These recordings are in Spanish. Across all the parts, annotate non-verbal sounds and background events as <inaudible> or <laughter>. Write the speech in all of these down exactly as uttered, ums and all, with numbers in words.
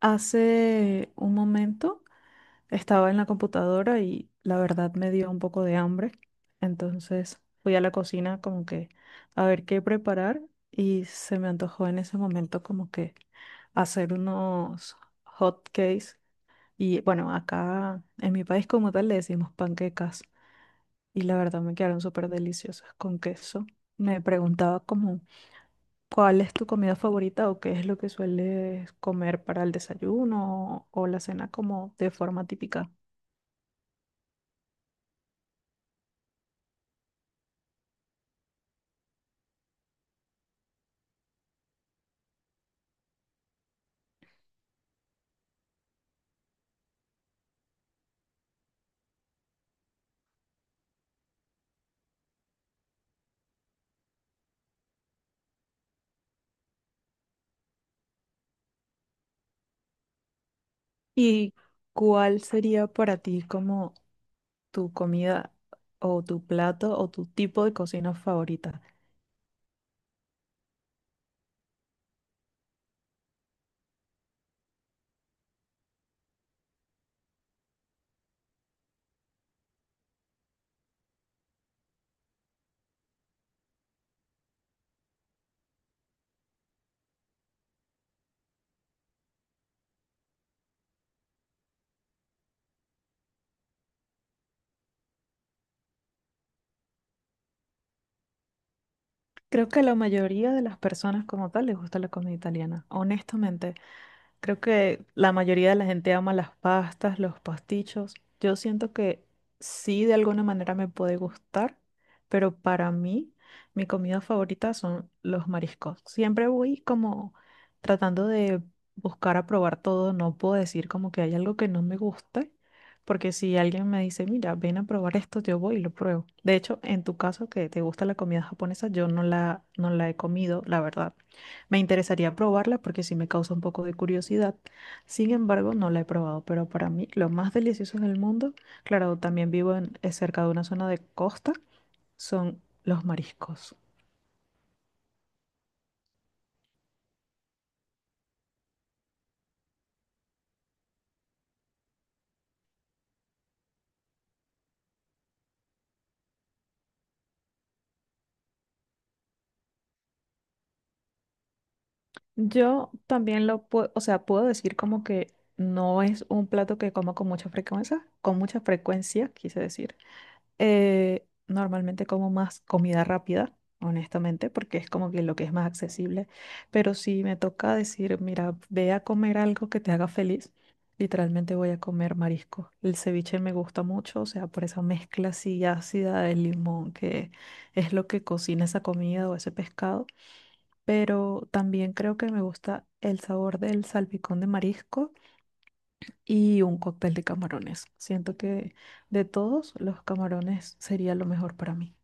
Hace un momento estaba en la computadora y la verdad me dio un poco de hambre. Entonces fui a la cocina como que a ver qué preparar y se me antojó en ese momento como que hacer unos hot cakes. Y bueno, acá en mi país como tal le decimos panquecas y la verdad me quedaron súper deliciosas con queso. Me preguntaba como ¿cuál es tu comida favorita o qué es lo que sueles comer para el desayuno o, o la cena como de forma típica? ¿Y cuál sería para ti como tu comida o tu plato o tu tipo de cocina favorita? Creo que a la mayoría de las personas como tal les gusta la comida italiana, honestamente. Creo que la mayoría de la gente ama las pastas, los pastichos. Yo siento que sí, de alguna manera me puede gustar, pero para mí, mi comida favorita son los mariscos. Siempre voy como tratando de buscar a probar todo. No puedo decir como que hay algo que no me guste, porque si alguien me dice, mira, ven a probar esto, yo voy y lo pruebo. De hecho, en tu caso, que te gusta la comida japonesa, yo no la, no la he comido, la verdad. Me interesaría probarla porque sí me causa un poco de curiosidad. Sin embargo, no la he probado, pero para mí lo más delicioso en el mundo, claro, también vivo en- eh, cerca de una zona de costa, son los mariscos. Yo también lo puedo, o sea, puedo decir como que no es un plato que como con mucha frecuencia, con mucha frecuencia, quise decir. Eh, normalmente como más comida rápida, honestamente, porque es como que lo que es más accesible. Pero si me toca decir, mira, ve a comer algo que te haga feliz, literalmente voy a comer marisco. El ceviche me gusta mucho, o sea, por esa mezcla así ácida del limón, que es lo que cocina esa comida o ese pescado. Pero también creo que me gusta el sabor del salpicón de marisco y un cóctel de camarones. Siento que de todos los camarones sería lo mejor para mí.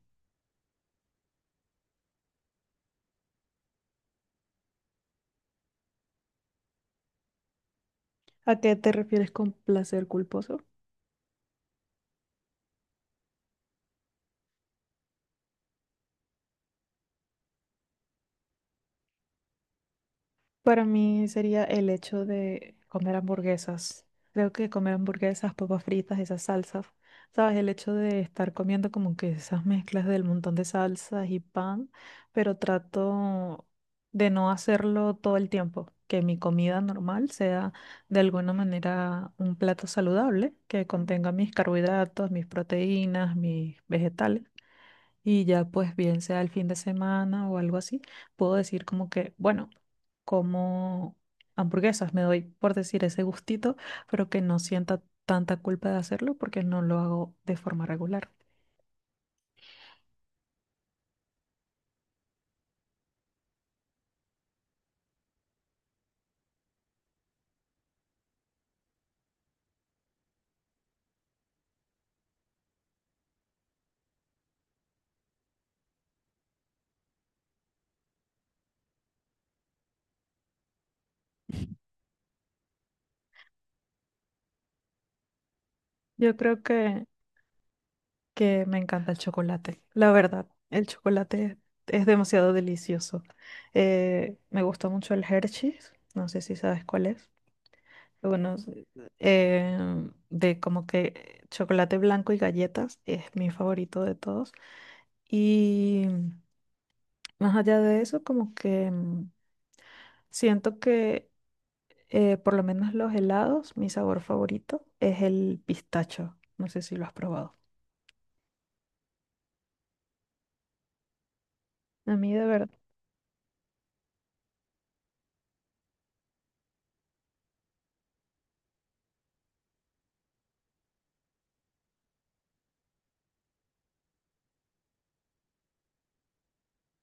¿A qué te refieres con placer culposo? Para mí sería el hecho de comer hamburguesas. Creo que comer hamburguesas, papas fritas, esas salsas, ¿sabes? El hecho de estar comiendo como que esas mezclas del montón de salsas y pan, pero trato de no hacerlo todo el tiempo. Que mi comida normal sea de alguna manera un plato saludable que contenga mis carbohidratos, mis proteínas, mis vegetales y ya pues bien sea el fin de semana o algo así, puedo decir como que, bueno, como hamburguesas, me doy por decir ese gustito, pero que no sienta tanta culpa de hacerlo porque no lo hago de forma regular. Yo creo que, que me encanta el chocolate. La verdad, el chocolate es demasiado delicioso. Eh, me gusta mucho el Hershey's, no sé si sabes cuál es. Bueno, eh, de como que chocolate blanco y galletas es mi favorito de todos. Y más allá de eso, como que mm, siento que eh, por lo menos los helados, mi sabor favorito es el pistacho. No sé si lo has probado. A mí de verdad.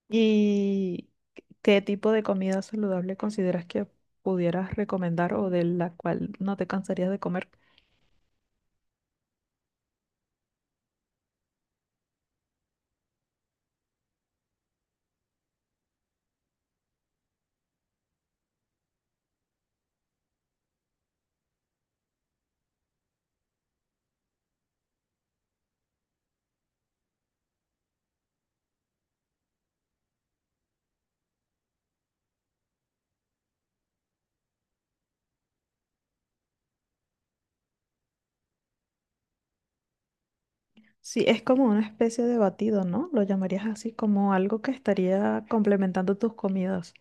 ¿Y qué qué tipo de comida saludable consideras que pudieras recomendar o de la cual no te cansarías de comer? Sí, es como una especie de batido, ¿no? Lo llamarías así como algo que estaría complementando tus comidas.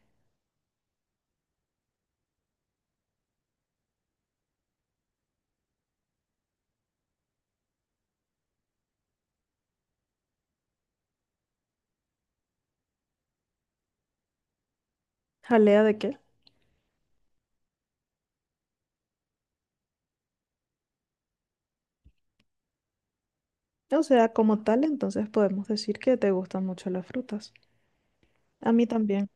¿Jalea de qué? O sea, como tal, entonces podemos decir que te gustan mucho las frutas. A mí también.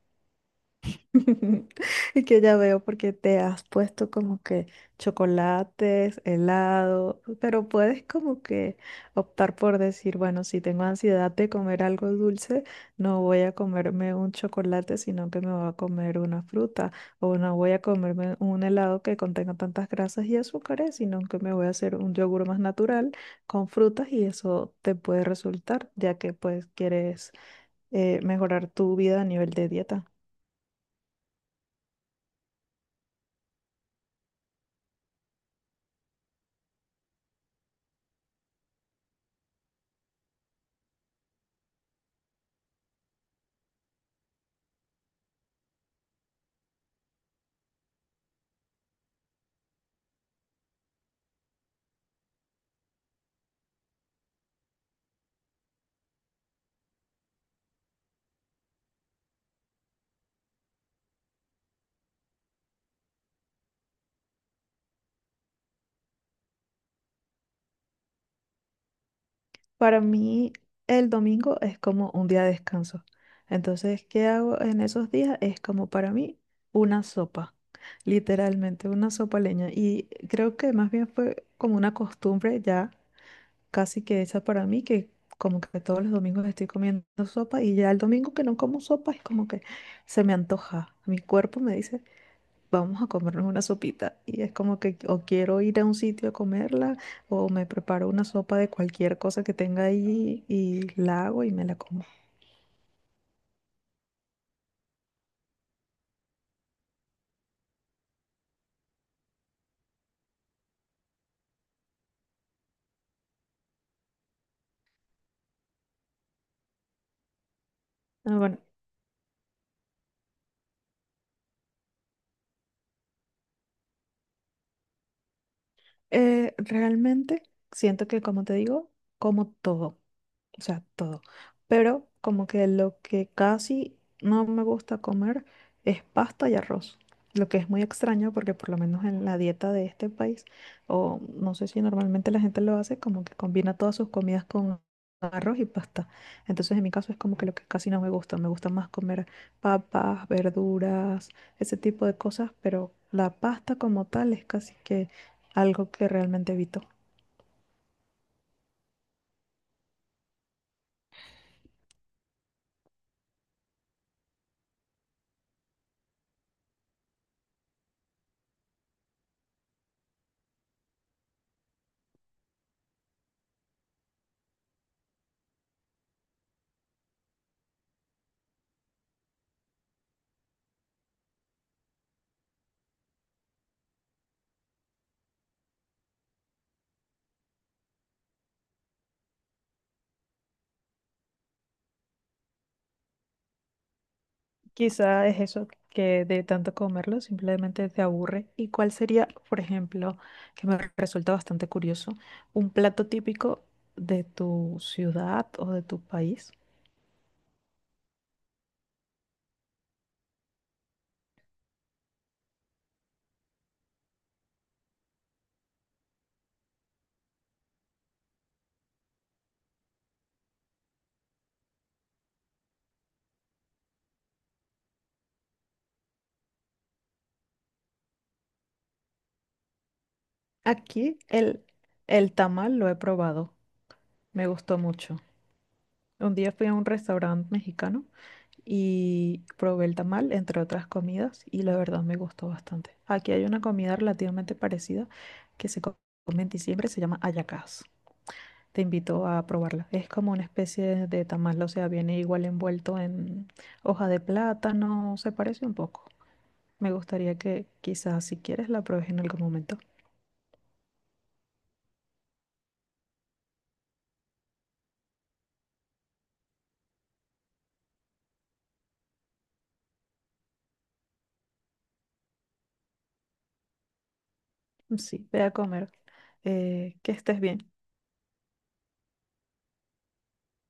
<laughs> Y que ya veo porque te has puesto como que chocolates, helado, pero puedes como que optar por decir, bueno, si tengo ansiedad de comer algo dulce, no voy a comerme un chocolate, sino que me voy a comer una fruta, o no voy a comerme un helado que contenga tantas grasas y azúcares, sino que me voy a hacer un yogur más natural con frutas y eso te puede resultar, ya que pues quieres eh, mejorar tu vida a nivel de dieta. Para mí, el domingo es como un día de descanso. Entonces, ¿qué hago en esos días? Es como para mí una sopa, literalmente una sopa leña. Y creo que más bien fue como una costumbre ya casi que hecha para mí, que como que todos los domingos estoy comiendo sopa y ya el domingo que no como sopa es como que se me antoja. Mi cuerpo me dice, vamos a comernos una sopita. Y es como que o quiero ir a un sitio a comerla o me preparo una sopa de cualquier cosa que tenga ahí y la hago y me la como. Ah, bueno, eh, realmente siento que, como te digo, como todo. O sea, todo. Pero como que lo que casi no me gusta comer es pasta y arroz, lo que es muy extraño porque por lo menos en la dieta de este país, o no sé si normalmente la gente lo hace, como que combina todas sus comidas con arroz y pasta. Entonces en mi caso es como que lo que casi no me gusta, me gusta más comer papas, verduras, ese tipo de cosas, pero la pasta como tal es casi que algo que realmente evito. Quizá es eso que de tanto comerlo simplemente te aburre. ¿Y cuál sería, por ejemplo, que me resulta bastante curioso, un plato típico de tu ciudad o de tu país? Aquí el, el tamal lo he probado, me gustó mucho. Un día fui a un restaurante mexicano y probé el tamal, entre otras comidas, y la verdad me gustó bastante. Aquí hay una comida relativamente parecida que se co- come en diciembre, se llama hallacas. Te invito a probarla. Es como una especie de tamal, o sea, viene igual envuelto en hoja de plátano, se parece un poco. Me gustaría que quizás si quieres la pruebes en algún momento. Sí, ve a comer. Eh, que estés bien.